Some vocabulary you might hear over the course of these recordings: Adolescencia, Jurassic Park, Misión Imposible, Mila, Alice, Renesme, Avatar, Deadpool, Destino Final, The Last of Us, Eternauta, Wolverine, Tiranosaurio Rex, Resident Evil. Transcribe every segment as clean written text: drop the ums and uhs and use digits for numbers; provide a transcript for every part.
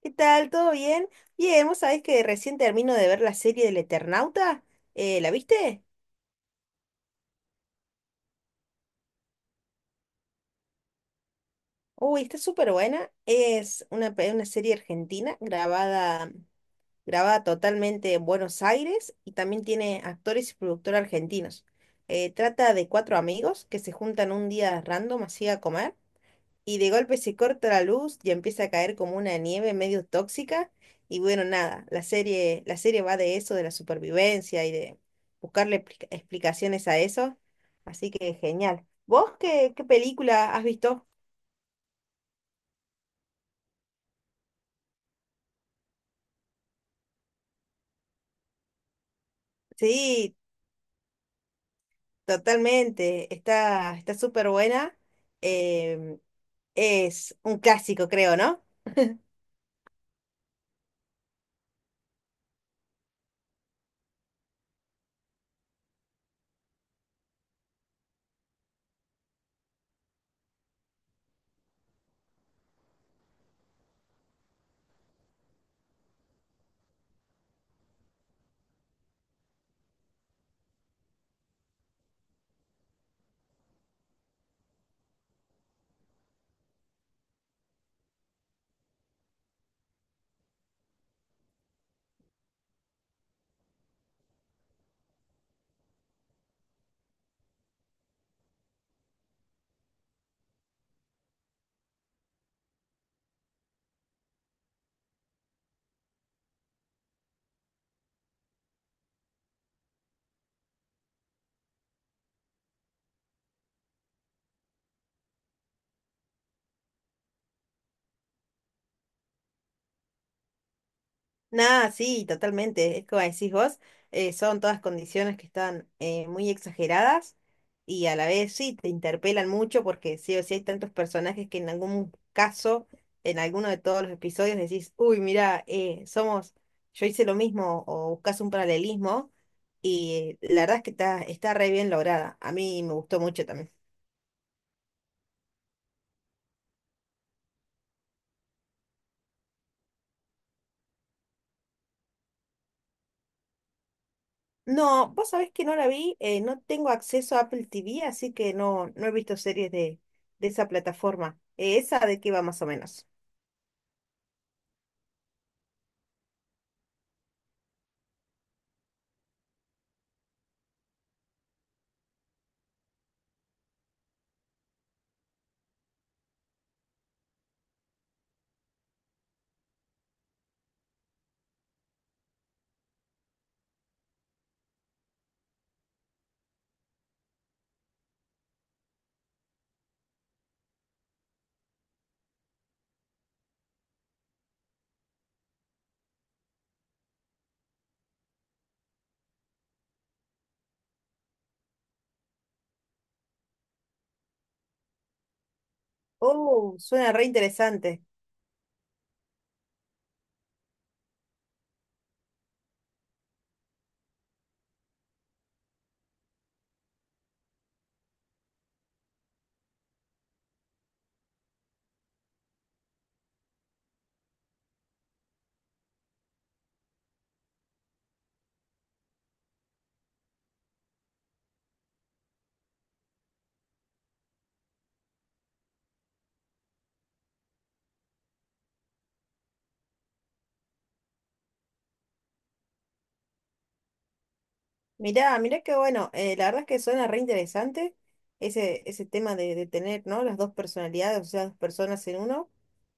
¿Qué tal? ¿Todo bien? Bien, vos sabés que recién termino de ver la serie del Eternauta. ¿La viste? Uy, está súper buena. Una serie argentina grabada, grabada totalmente en Buenos Aires y también tiene actores y productores argentinos. Trata de cuatro amigos que se juntan un día random así a comer. Y de golpe se corta la luz y empieza a caer como una nieve medio tóxica. Y bueno, nada, la serie va de eso, de la supervivencia y de explicaciones a eso. Así que genial. ¿Vos qué película has visto? Sí, totalmente. Está súper buena. Em, es un clásico, creo, ¿no? Nada, sí, totalmente. Es como decís vos, son todas condiciones que están muy exageradas y a la vez sí te interpelan mucho porque sí o sí hay tantos personajes que en algún caso, en alguno de todos los episodios decís, uy, mira, somos, yo hice lo mismo o buscas un paralelismo y la verdad es que está, está re bien lograda. A mí me gustó mucho también. No, vos sabés que no la vi, no tengo acceso a Apple TV, así que no, no he visto series de esa plataforma. ¿Esa de qué va más o menos? Oh, suena re interesante. Mirá, mirá que bueno, la verdad es que suena re interesante ese tema de tener, ¿no? Las dos personalidades, o sea, dos personas en uno.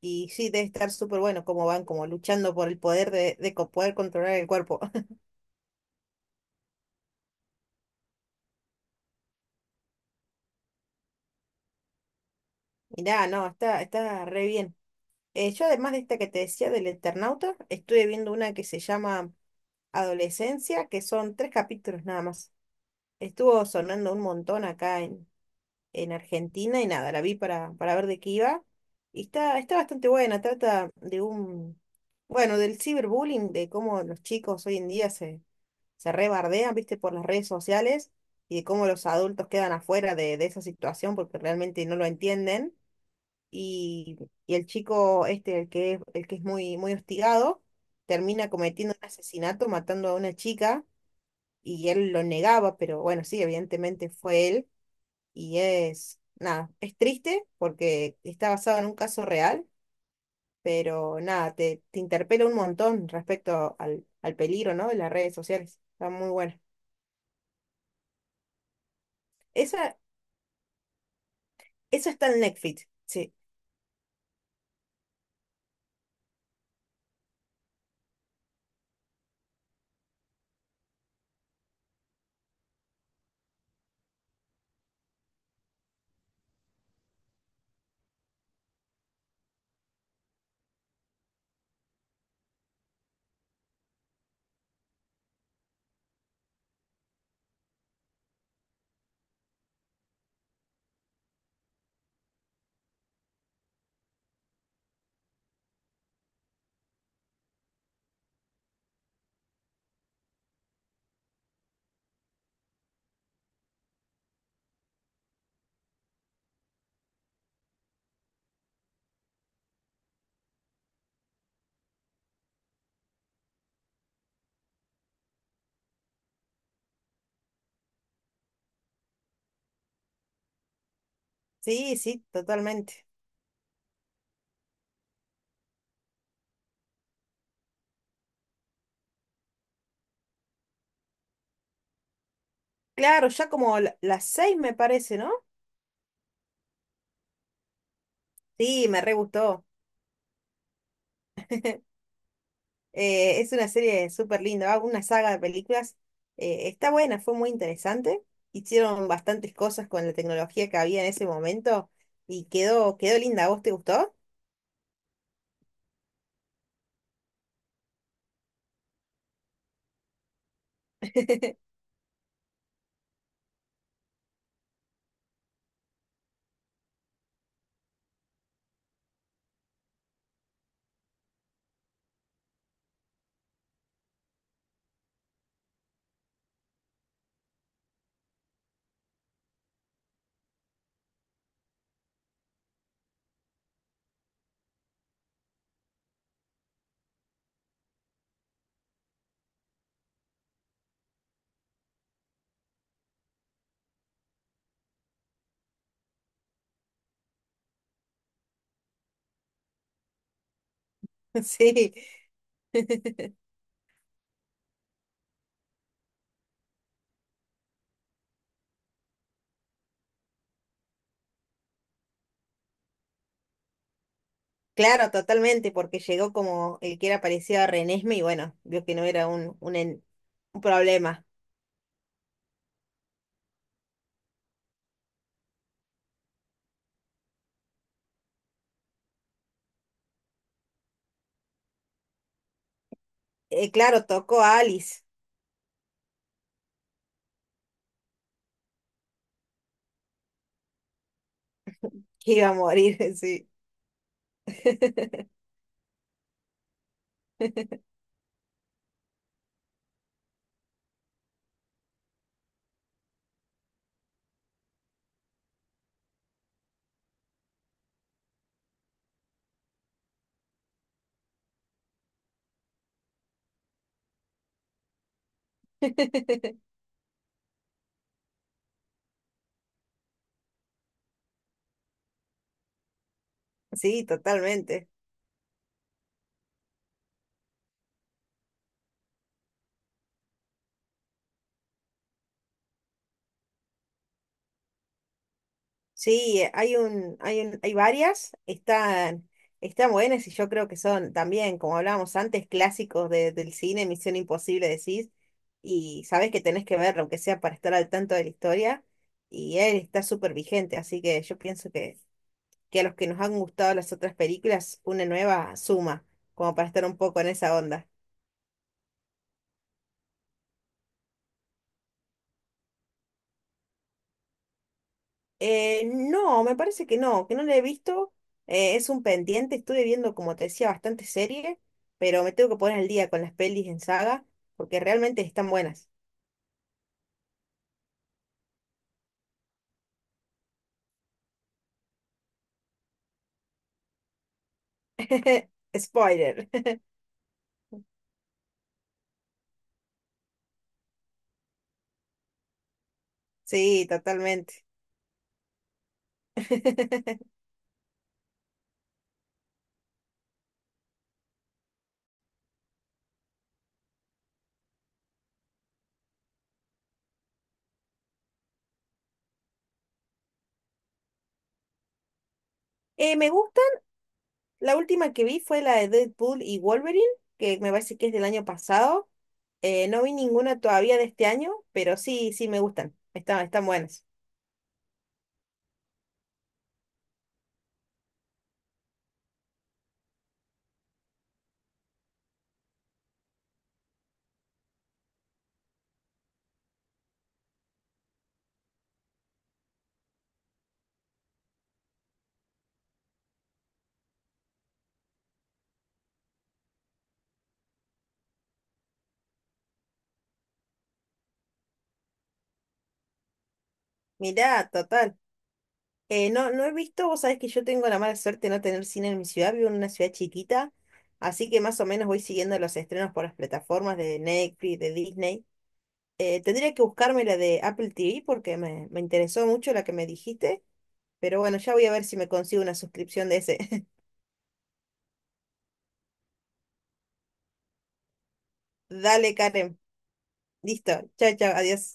Y sí, debe estar súper bueno cómo van como luchando por el poder poder controlar el cuerpo. Mirá, no, está, está re bien. Yo además de esta que te decía del Eternauta, estuve viendo una que se llama Adolescencia, que son tres capítulos nada más. Estuvo sonando un montón en Argentina y nada, la vi para ver de qué iba. Y está, está bastante buena, bueno, del ciberbullying, de cómo los chicos hoy en día se, se rebardean, viste, por las redes sociales y de cómo los adultos quedan afuera de esa situación porque realmente no lo entienden y, y el chico este, el que es muy, muy hostigado, termina cometiendo un asesinato, matando a una chica, y él lo negaba, pero bueno, sí, evidentemente fue él, y es, nada, es triste porque está basado en un caso real, pero nada, te interpela un montón respecto al peligro, ¿no?, de las redes sociales. Está muy buena. Esa, Esa está en Netflix, sí, sí, sí, totalmente. Claro, las seis me parece, ¿no? Sí, me re gustó. Es una serie súper linda, ¿va? Una saga de películas. Está buena, fue muy interesante. Hicieron bastantes cosas con la tecnología que había en ese momento y quedó, quedó linda. ¿A vos te gustó? Sí, claro, totalmente, porque llegó como el que era parecido a Renesme y bueno, vio que no era un problema. Claro, tocó a Alice, que iba a morir, sí. Sí, totalmente. Sí, hay varias, están, están buenas y yo creo que son también, como hablábamos antes, del cine, Misión Imposible decís, y sabés que tenés que verlo, aunque sea para estar al tanto de la historia, y él está súper vigente, así que yo pienso que a los que nos han gustado las otras películas, una nueva suma, como para estar un poco en esa onda. No, me parece que no la he visto. Es un pendiente, estuve viendo, como te decía, bastante serie, pero me tengo que poner al día con las pelis en saga, porque realmente están buenas. Spoiler. Sí, totalmente. Me gusta, la última que vi fue la de Deadpool y Wolverine, que me parece que es del año pasado. No vi ninguna todavía de este año, pero sí, sí me gustan. Están, están buenas. Mirá, total. No he visto, vos sabés que yo tengo la mala suerte de no tener cine en mi ciudad, vivo en una ciudad chiquita, así que más o menos voy siguiendo los estrenos por las plataformas de Netflix, de Disney. Tendría que buscarme la de Apple TV porque me interesó mucho la que me dijiste, pero bueno, ya voy a ver si me consigo una suscripción de ese. Dale, Karen. Listo. Chao, chao, adiós.